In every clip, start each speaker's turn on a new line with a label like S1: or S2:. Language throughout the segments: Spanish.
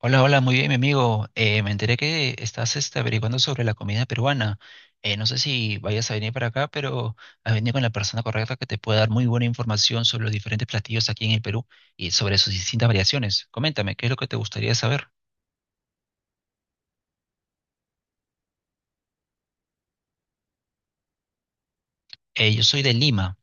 S1: Hola, hola, muy bien, mi amigo. Me enteré que estás averiguando sobre la comida peruana. No sé si vayas a venir para acá, pero has venido con la persona correcta que te puede dar muy buena información sobre los diferentes platillos aquí en el Perú y sobre sus distintas variaciones. Coméntame, ¿qué es lo que te gustaría saber? Yo soy de Lima.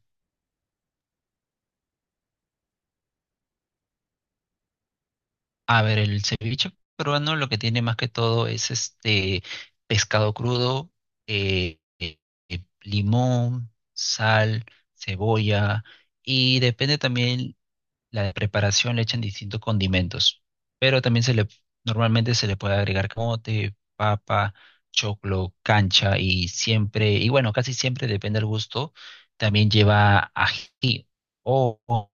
S1: A ver, el ceviche peruano lo que tiene más que todo es este pescado crudo, eh, eh, limón, sal, cebolla. Y depende también la de preparación le echan distintos condimentos, pero también normalmente se le puede agregar camote, papa, choclo, cancha y siempre, y bueno, casi siempre depende del gusto, también lleva ají o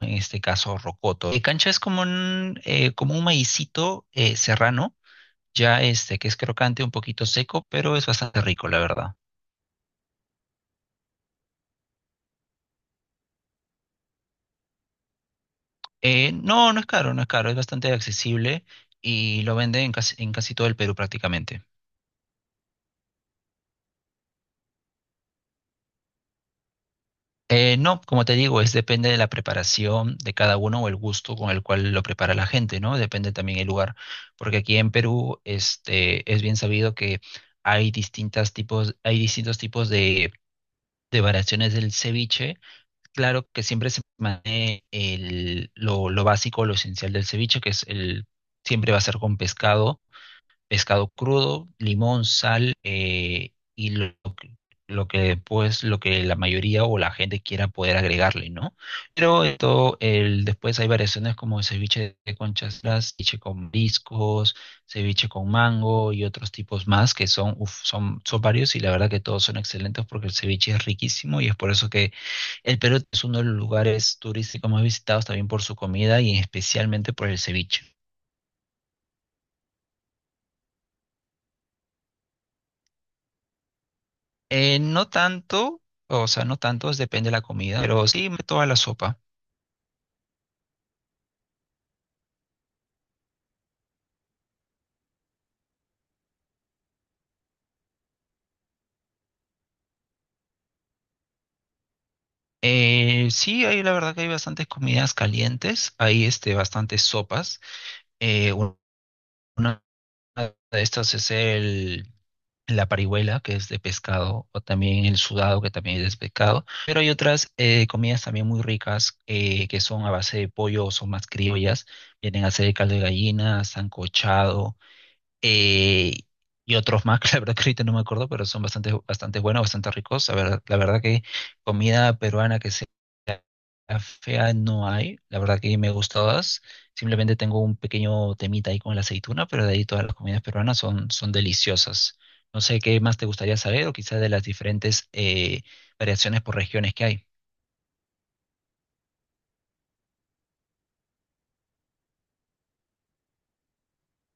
S1: en este caso rocoto. Cancha es como un maicito serrano, ya este que es crocante, un poquito seco, pero es bastante rico, la verdad. No, no es caro, no es caro, es bastante accesible y lo venden en casi todo el Perú prácticamente. No, como te digo, es depende de la preparación de cada uno o el gusto con el cual lo prepara la gente, ¿no? Depende también el lugar, porque aquí en Perú, este, es bien sabido que hay distintas tipos, hay distintos tipos de variaciones del ceviche. Claro que siempre se mantiene lo básico, lo esencial del ceviche, que es el, siempre va a ser con pescado crudo, limón, sal y lo que pues lo que la mayoría o la gente quiera poder agregarle, ¿no? Pero esto el después hay variaciones como ceviche de conchas, las ceviche con discos, ceviche con mango y otros tipos más que son uf, son varios y la verdad que todos son excelentes porque el ceviche es riquísimo y es por eso que el Perú es uno de los lugares turísticos más visitados también por su comida y especialmente por el ceviche. No tanto, o sea, no tantos, depende de la comida, pero toda la sopa. Sí, hay la verdad que hay bastantes comidas calientes, hay este, bastantes sopas. Eh, un- una de estas es el, la parihuela, que es de pescado, o también el sudado, que también es de pescado. Pero hay otras comidas también muy ricas que son a base de pollo, son más criollas, vienen a ser caldo de gallina, sancochado. eh, y otros más, que la verdad que ahorita no me acuerdo, pero son bastante, bastante buenos, bastante ricos. La verdad que comida peruana que sea fea no hay. La verdad que me gustan todas. Simplemente tengo un pequeño temita ahí con la aceituna, pero de ahí todas las comidas peruanas son, son deliciosas. No sé qué más te gustaría saber o quizás de las diferentes variaciones por regiones que hay.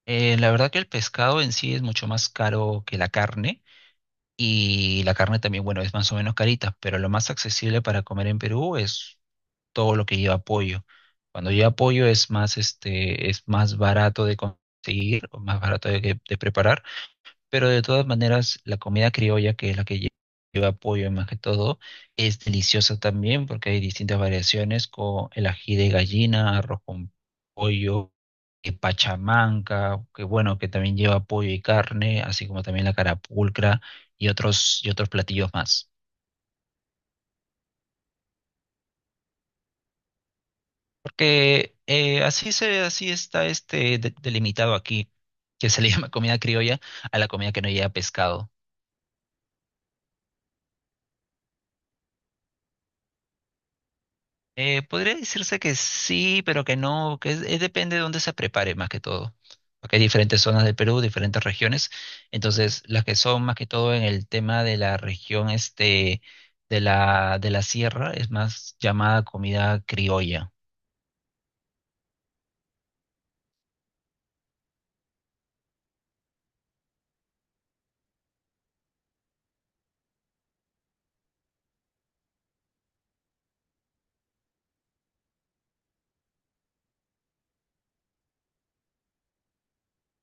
S1: La verdad que el pescado en sí es mucho más caro que la carne. Y la carne también, bueno, es más o menos carita, pero lo más accesible para comer en Perú es todo lo que lleva pollo. Cuando lleva pollo es más, este, es más barato de conseguir, o más barato de, que- de preparar pero de todas maneras, la comida criolla, que es lleva pollo más que todo, es deliciosa también porque hay distintas variaciones con el ají de gallina, arroz con pollo, pachamanca, que bueno, que también lleva pollo y carne, así como también la carapulcra y otros platillos más. Porque así se, así está este delimitado aquí, que se le llama comida criolla a la comida que no lleva pescado. Podría decirse que sí, pero que no, es depende de dónde se prepare más que todo. Porque hay diferentes zonas del Perú, diferentes regiones. Entonces, las que son más que todo en el tema de la región este de de la sierra es más llamada comida criolla.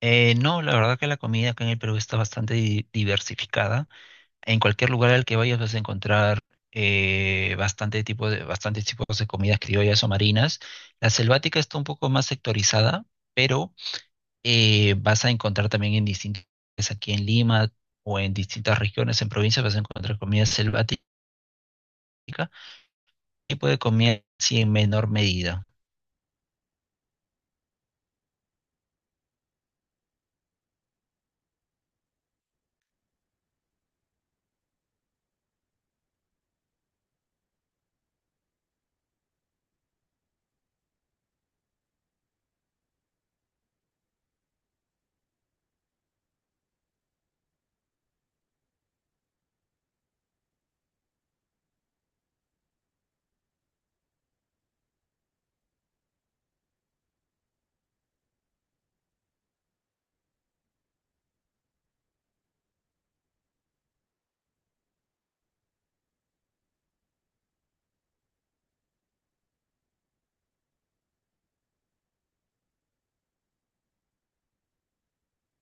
S1: No, la verdad que la comida acá en el Perú está bastante diversificada. En cualquier lugar al que vayas vas a encontrar bastante tipo de, bastantes tipos de comidas criollas o marinas. La selvática está un poco más sectorizada, pero vas a encontrar también en distintas, aquí en Lima o en distintas regiones, en provincias, vas a encontrar comida selvática, tipo de comida sí, en menor medida.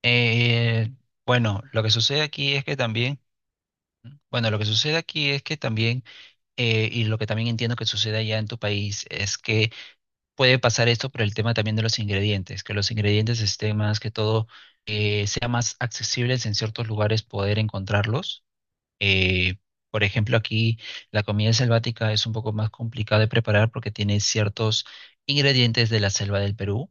S1: Eh, bueno, lo que sucede aquí es que también, y lo que también entiendo que sucede allá en tu país, es que puede pasar esto por el tema también de los ingredientes, que los ingredientes estén más que todo, sea más accesibles en ciertos lugares poder encontrarlos. Eh, por ejemplo, aquí la comida selvática es un poco más complicada de preparar porque tiene ciertos ingredientes de la selva del Perú,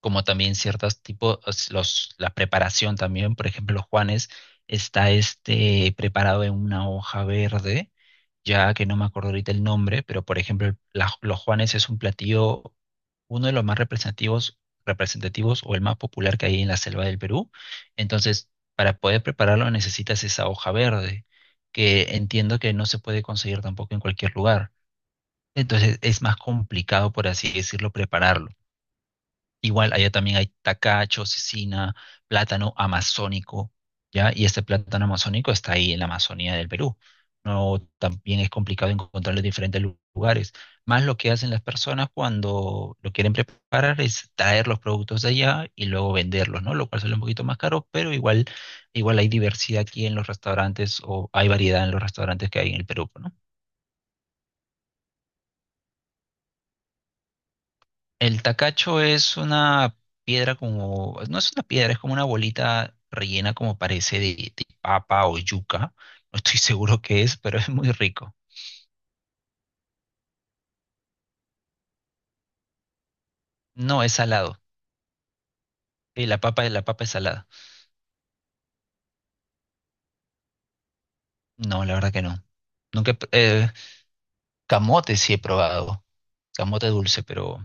S1: como también ciertos tipos, los, la preparación también, por ejemplo, los Juanes está este preparado en una hoja verde, ya que no me acuerdo ahorita el nombre, pero por ejemplo, los Juanes es un platillo uno de los más representativos, representativos o el más popular que hay en la selva del Perú. Entonces, para poder prepararlo necesitas esa hoja verde, que entiendo que no se puede conseguir tampoco en cualquier lugar. Entonces, es más complicado, por así decirlo, prepararlo. Igual allá también hay tacacho, cecina, plátano amazónico, ¿ya? Y este plátano amazónico está ahí en la Amazonía del Perú. No, también es complicado encontrarlo en diferentes lugares. Más lo que hacen las personas cuando lo quieren preparar es traer los productos de allá y luego venderlos, ¿no? Lo cual sale un poquito más caro, pero igual, igual hay diversidad aquí en los restaurantes o hay variedad en los restaurantes que hay en el Perú, ¿no? El tacacho es una piedra como, no es una piedra, es como una bolita rellena como parece de papa o yuca. No estoy seguro qué es, pero es muy rico. No, es salado. Sí, la papa es salada. No, la verdad que no. Nunca, he pr- camote sí he probado, camote dulce, pero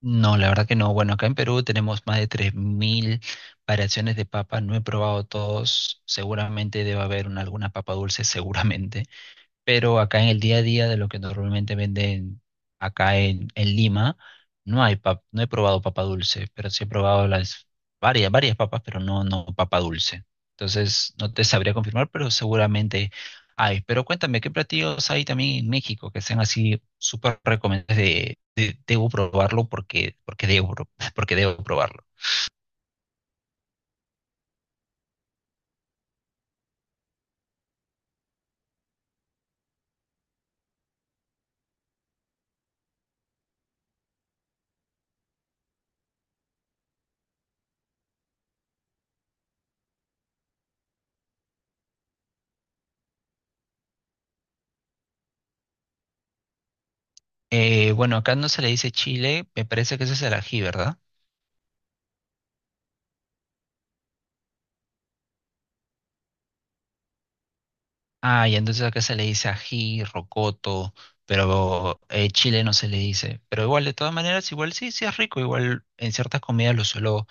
S1: no, la verdad que no. Bueno, acá en Perú tenemos más de 3000 variaciones de papa. No he probado todos. Seguramente debe haber alguna papa dulce, seguramente pero acá en el día a día de lo que normalmente venden acá en Lima, no hay no he probado papa dulce, pero sí he probado las varias papas, pero no, no papa dulce. Entonces, no te sabría confirmar, pero seguramente hay. Pero cuéntame, ¿qué platillos hay también en México que sean así súper recomendables debo probarlo porque, porque porque debo probarlo? Bueno, acá no se le dice chile, me parece que ese es el ají, ¿verdad? Ah, y entonces acá se le dice ají, rocoto, pero chile no se le dice. Pero igual, de todas maneras, igual sí, sí es rico. Igual en ciertas comidas lo suelo,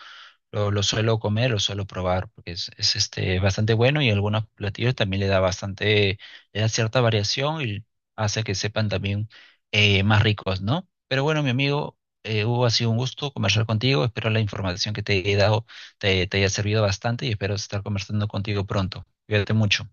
S1: lo, lo suelo comer, lo suelo probar, porque este, bastante bueno y algunos platillos también le da bastante, le da cierta variación y hace que sepan también más ricos, ¿no? Pero bueno, mi amigo, Hugo, ha sido un gusto conversar contigo. Espero la información que te he dado te haya servido bastante y espero estar conversando contigo pronto. Cuídate mucho.